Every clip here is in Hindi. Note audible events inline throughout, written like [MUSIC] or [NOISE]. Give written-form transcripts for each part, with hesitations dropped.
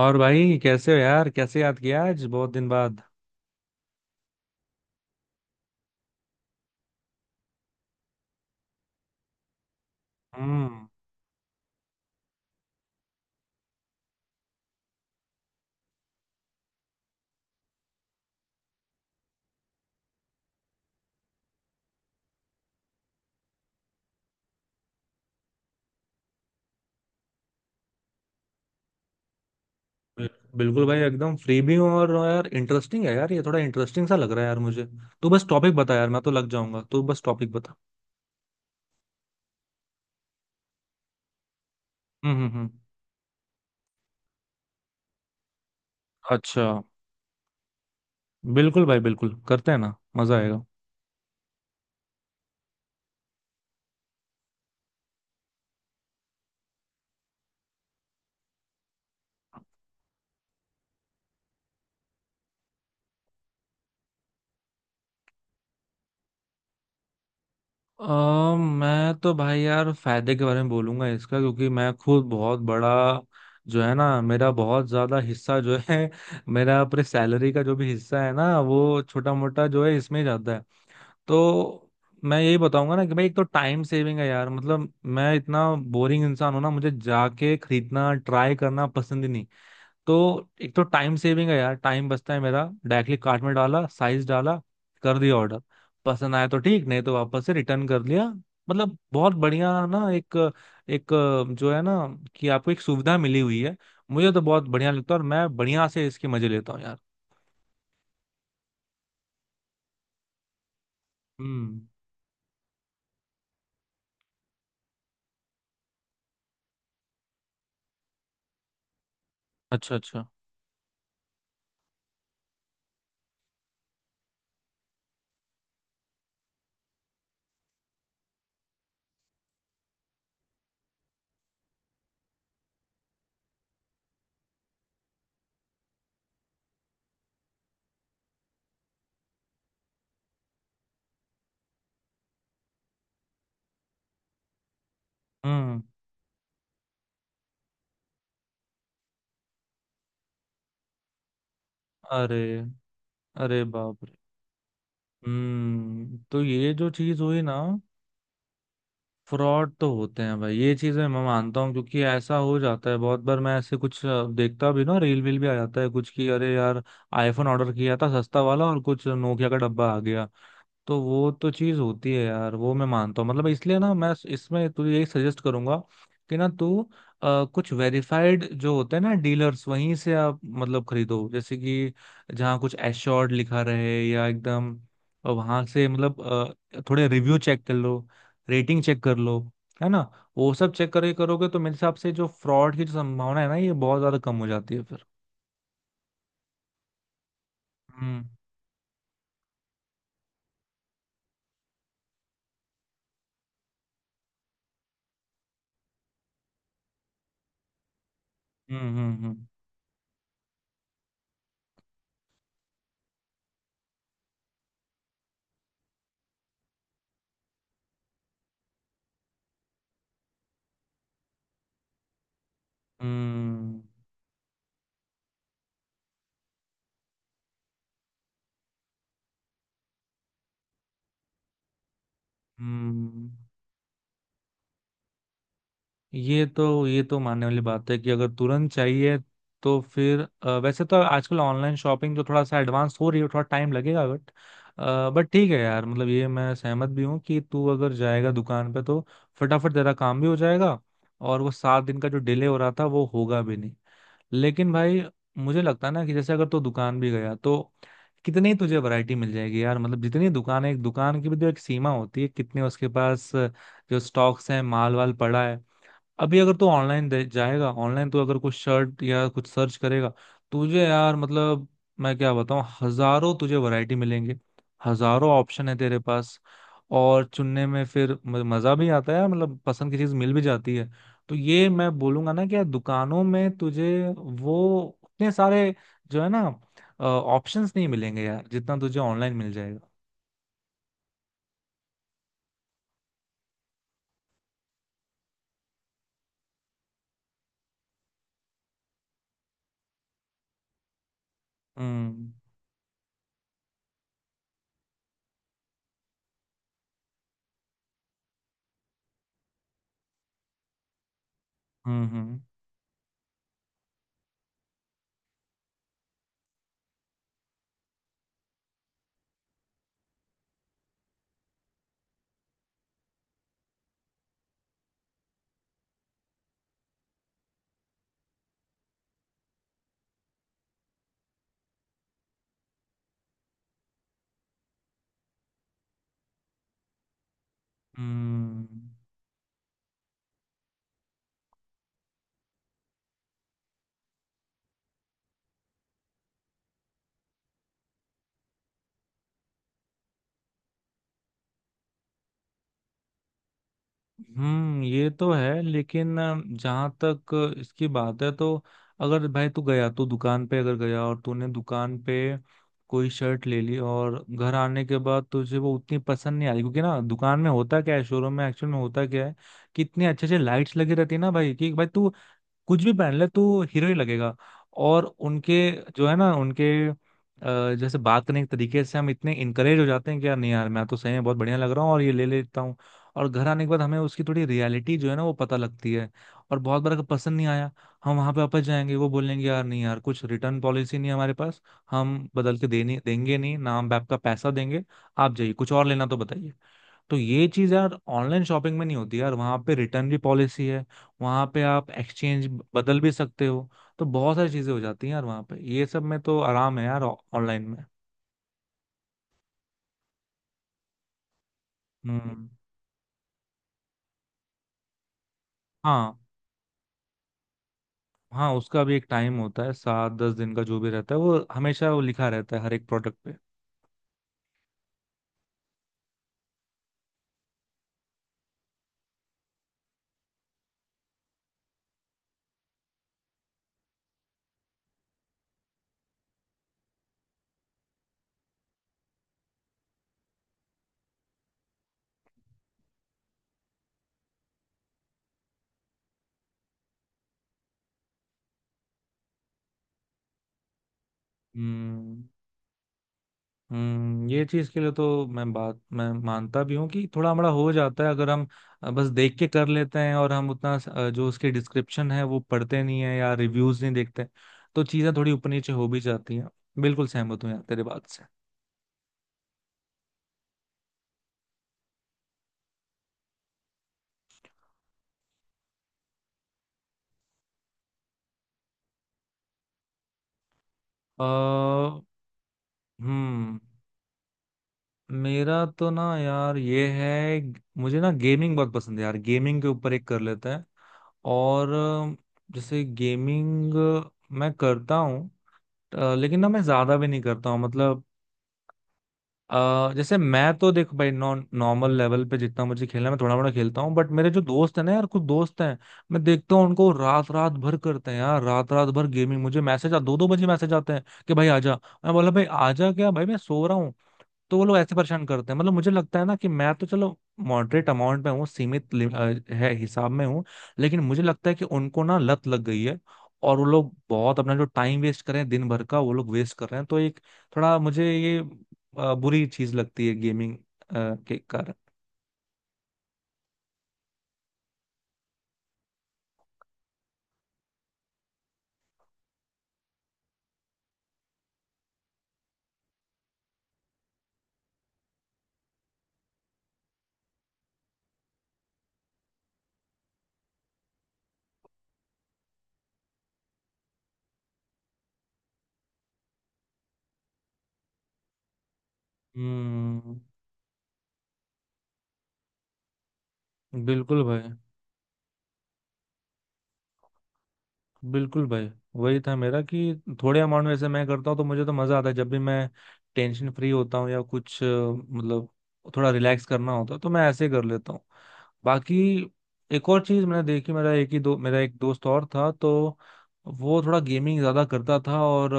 और भाई कैसे हो यार? कैसे याद किया आज बहुत दिन बाद? हम्म। बिल- बिल्कुल भाई, एकदम फ्री भी हूँ और यार इंटरेस्टिंग है यार, ये थोड़ा इंटरेस्टिंग सा लग रहा है यार मुझे। तू बस टॉपिक बता यार, मैं तो लग जाऊंगा। तू बस टॉपिक बता। हम्म हम्म, हम्म। अच्छा। बिल्कुल भाई, बिल्कुल करते हैं ना, मजा आएगा। मैं तो भाई यार फायदे के बारे में बोलूंगा इसका, क्योंकि मैं खुद बहुत बड़ा जो है ना, मेरा बहुत ज्यादा हिस्सा जो है [LAUGHS] मेरा, अपने सैलरी का जो भी हिस्सा है ना वो छोटा मोटा जो है इसमें ही जाता है। तो मैं यही बताऊंगा ना कि भाई एक तो टाइम सेविंग है यार, मतलब मैं इतना बोरिंग इंसान हूं ना, मुझे जाके खरीदना ट्राई करना पसंद ही नहीं। तो एक तो टाइम सेविंग है यार, टाइम बचता है मेरा। डायरेक्टली कार्ट में डाला, साइज डाला, कर दिया ऑर्डर। पसंद आया तो ठीक, नहीं तो वापस से रिटर्न कर लिया। मतलब बहुत बढ़िया ना, एक एक जो है ना, कि आपको एक सुविधा मिली हुई है। मुझे तो बहुत बढ़िया लगता है और मैं बढ़िया से इसके मजे लेता हूँ यार। हम्म। अच्छा, अच्छा। हम्म। अरे, अरे बाप। हम्म, तो ये जो चीज हुई ना, फ्रॉड तो होते हैं भाई, ये चीज मैं मानता हूँ क्योंकि ऐसा हो जाता है बहुत बार। मैं ऐसे कुछ देखता भी ना, रील वील भी आ जाता है कुछ कि अरे यार आईफोन ऑर्डर किया था सस्ता वाला और कुछ नोकिया का डब्बा आ गया। तो वो तो चीज होती है यार, वो मैं मानता हूँ। मतलब इसलिए ना, मैं इसमें तुझे यही सजेस्ट करूंगा कि ना तू कुछ वेरीफाइड जो होते हैं ना डीलर्स, वहीं से आप मतलब खरीदो। जैसे कि जहाँ कुछ एश्योर्ड लिखा रहे या एकदम, वहां से मतलब थोड़े रिव्यू चेक कर लो, रेटिंग चेक कर लो, है ना? वो सब चेक करके करोगे तो मेरे हिसाब से जो फ्रॉड की जो संभावना है ना, ये बहुत ज्यादा कम हो जाती है फिर। हम्म हम्म, हम्म, हम्म हम्म। ये तो मानने वाली बात है कि अगर तुरंत चाहिए, तो फिर वैसे तो आजकल ऑनलाइन शॉपिंग तो थोड़ा सा एडवांस हो रही है, थोड़ा टाइम लगेगा बट। ठीक है यार, मतलब ये मैं सहमत भी हूँ कि तू अगर जाएगा दुकान पे तो फटाफट तेरा काम भी हो जाएगा, और वो सात दिन का जो डिले हो रहा था वो होगा भी नहीं। लेकिन भाई, मुझे लगता है ना कि जैसे अगर तू दुकान भी गया, तो कितनी ही तुझे वैरायटी मिल जाएगी यार? मतलब जितनी दुकान है, एक दुकान की भी तो एक सीमा होती है कितने उसके पास जो स्टॉक्स हैं, माल वाल पड़ा है। अभी अगर तू ऑनलाइन जाएगा, ऑनलाइन तू अगर कुछ शर्ट या कुछ सर्च करेगा, तुझे यार मतलब मैं क्या बताऊं, हजारों तुझे वैरायटी मिलेंगे। हजारों ऑप्शन है तेरे पास। और चुनने में फिर मजा भी आता है, मतलब पसंद की चीज मिल भी जाती है। तो ये मैं बोलूंगा ना कि यार दुकानों में तुझे वो उतने सारे जो है ना ऑप्शंस नहीं मिलेंगे यार, जितना तुझे ऑनलाइन मिल जाएगा। हम्म हम्म, हम्म, हम्म। ये तो है, लेकिन जहां तक इसकी बात है तो अगर भाई तू गया, तू दुकान पे अगर गया और तूने दुकान पे कोई शर्ट ले ली और घर आने के बाद तुझे वो उतनी पसंद नहीं आई। क्योंकि ना दुकान में होता क्या है, शोरूम में एक्चुअल में होता क्या है, कितनी अच्छे अच्छे लाइट्स लगी रहती है ना भाई, कि भाई तू कुछ भी पहन ले तो हीरो ही लगेगा। और उनके जो है ना, उनके जैसे बात करने के तरीके से हम इतने इनकरेज हो जाते हैं कि यार नहीं यार, मैं तो सही में बहुत बढ़िया लग रहा हूँ और ये ले लेता हूँ। और घर आने के बाद हमें उसकी थोड़ी रियलिटी जो है ना वो पता लगती है। और बहुत बार अगर पसंद नहीं आया, हम वहां पे वापस जाएंगे, वो बोलेंगे यार नहीं यार कुछ रिटर्न पॉलिसी नहीं है हमारे पास। हम बदल के दे नहीं देंगे, नहीं ना हम आपका पैसा देंगे, आप जाइए, कुछ और लेना तो बताइए। तो ये चीज यार ऑनलाइन शॉपिंग में नहीं होती यार, वहां पे रिटर्न भी पॉलिसी है, वहां पे आप एक्सचेंज बदल भी सकते हो। तो बहुत सारी चीजें हो जाती हैं यार वहां पे, ये सब में तो आराम है यार ऑनलाइन में। हम्म। हाँ, हाँ, उसका भी एक टाइम होता है, सात दस दिन का जो भी रहता है वो हमेशा वो लिखा रहता है हर एक प्रोडक्ट पे। हम्म हम्म, ये चीज के लिए तो मैं बात मैं मानता भी हूँ कि थोड़ा हमारा हो जाता है अगर हम बस देख के कर लेते हैं और हम उतना जो उसके डिस्क्रिप्शन है वो पढ़ते नहीं है, या रिव्यूज नहीं देखते। तो चीजें थोड़ी ऊपर नीचे हो भी जाती हैं। बिल्कुल सहमत हूँ यार तेरे बात से। अ हम्म। मेरा तो ना यार ये है, मुझे ना गेमिंग बहुत पसंद है यार, गेमिंग के ऊपर एक कर लेते हैं। और जैसे गेमिंग मैं करता हूँ, लेकिन ना मैं ज्यादा भी नहीं करता हूँ मतलब। जैसे मैं तो देखो भाई, नॉन नॉर्मल लेवल पे जितना मुझे खेलना है, मैं थोड़ा मोड़ा खेलता हूँ, बट मेरे जो दोस्त है ना यार, कुछ दोस्त हैं, मैं देखता हूँ उनको रात रात भर करते हैं यार, रात रात भर गेमिंग। मुझे मैसेज आ, दो दो बजे मैसेज आते हैं कि भाई आजा। मैं बोला भाई आजा क्या भाई, मैं सो रहा। तो वो लोग ऐसे परेशान करते हैं, मतलब मुझे लगता है ना कि मैं तो चलो मॉडरेट अमाउंट में हूँ, सीमित है, हिसाब में हूँ। लेकिन मुझे लगता है कि उनको ना लत लग गई है, और वो लोग बहुत अपना जो टाइम वेस्ट कर रहे हैं, दिन भर का वो लोग वेस्ट कर रहे हैं। तो एक थोड़ा मुझे ये बुरी चीज लगती है गेमिंग के कारण। हम्म। बिल्कुल भाई, बिल्कुल भाई, वही था मेरा कि थोड़े अमाउंट में से मैं करता हूँ तो मुझे तो मजा आता है, जब भी मैं टेंशन फ्री होता हूँ या कुछ मतलब थोड़ा रिलैक्स करना होता है, तो मैं ऐसे ही कर लेता हूँ। बाकी एक और चीज मैंने देखी, मेरा एक दोस्त और था, तो वो थोड़ा गेमिंग ज्यादा करता था और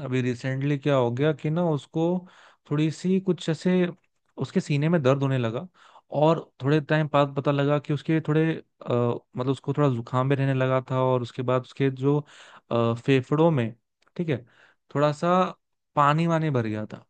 अभी रिसेंटली क्या हो गया कि ना उसको थोड़ी सी कुछ ऐसे उसके सीने में दर्द होने लगा। और थोड़े टाइम बाद पता लगा कि उसके थोड़े मतलब उसको थोड़ा जुकाम भी रहने लगा था, और उसके बाद उसके जो फेफड़ों में, ठीक है, थोड़ा सा पानी वानी भर गया था।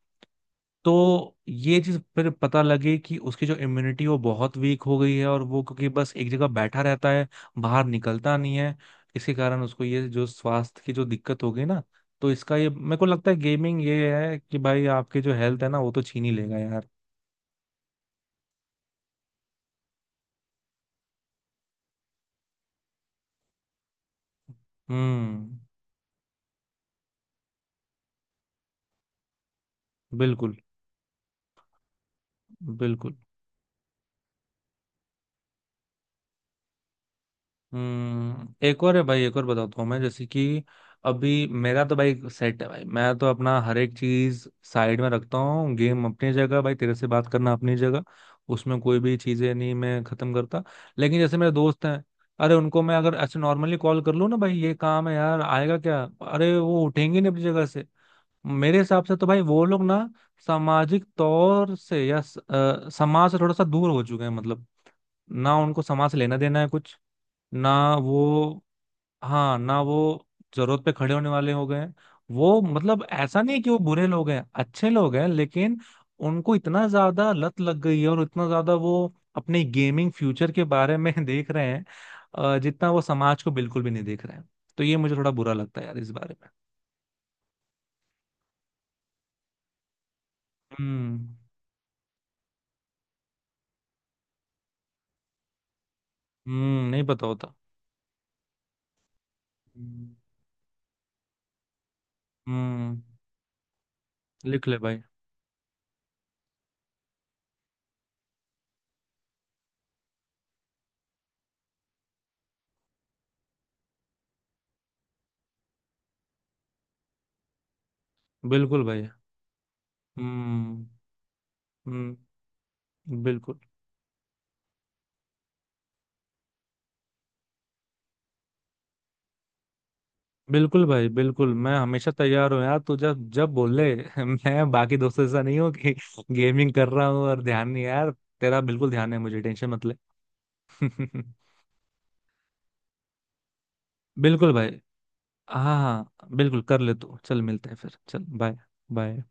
तो ये चीज फिर पता लगी कि उसकी जो इम्यूनिटी वो बहुत वीक हो गई है, और वो क्योंकि बस एक जगह बैठा रहता है, बाहर निकलता नहीं है, इसी कारण उसको ये जो स्वास्थ्य की जो दिक्कत हो गई ना। तो इसका ये मेरे को लगता है गेमिंग, ये है कि भाई आपके जो हेल्थ है ना वो तो छीन ही लेगा यार। हम्म। बिल्कुल, बिल्कुल। हम्म, एक और है भाई, एक और बताता हूँ मैं, जैसे कि अभी मेरा तो भाई सेट है भाई, मैं तो अपना हर एक चीज साइड में रखता हूँ। गेम अपनी जगह, भाई तेरे से बात करना अपनी जगह, उसमें कोई भी चीजें नहीं, मैं खत्म करता। लेकिन जैसे मेरे दोस्त हैं, अरे उनको मैं अगर ऐसे नॉर्मली कॉल कर लूँ ना, भाई ये काम है यार आएगा क्या, अरे वो उठेंगे नहीं अपनी जगह से। मेरे हिसाब से तो भाई वो लोग ना सामाजिक तौर से या समाज से थोड़ा सा दूर हो चुके हैं मतलब। ना उनको समाज से लेना देना है कुछ, ना वो, हाँ ना, वो जरूरत पे खड़े होने वाले हो गए हैं। वो मतलब ऐसा नहीं है कि वो बुरे लोग हैं, अच्छे लोग हैं, लेकिन उनको इतना ज्यादा लत लग गई है और इतना ज्यादा वो अपने गेमिंग फ्यूचर के बारे में [LAUGHS] देख रहे हैं, जितना वो समाज को बिल्कुल भी नहीं देख रहे हैं। तो ये मुझे थोड़ा बुरा लगता है यार इस बारे में। हम्म हम्म, नहीं पता होता। हम्म हम्म, लिख ले भाई। बिल्कुल भाई। हम्म हम्म। बिल्कुल, बिल्कुल भाई, बिल्कुल, मैं हमेशा तैयार हूँ यार, तू जब जब बोल ले। [LAUGHS] मैं बाकी दोस्तों जैसा नहीं हूँ कि गेमिंग कर रहा हूँ और ध्यान नहीं है यार। तेरा बिल्कुल ध्यान है, मुझे टेंशन मत ले। [LAUGHS] बिल्कुल भाई। हाँ हाँ, बिल्कुल, कर ले तू, चल मिलते हैं फिर, चल बाय, बाय।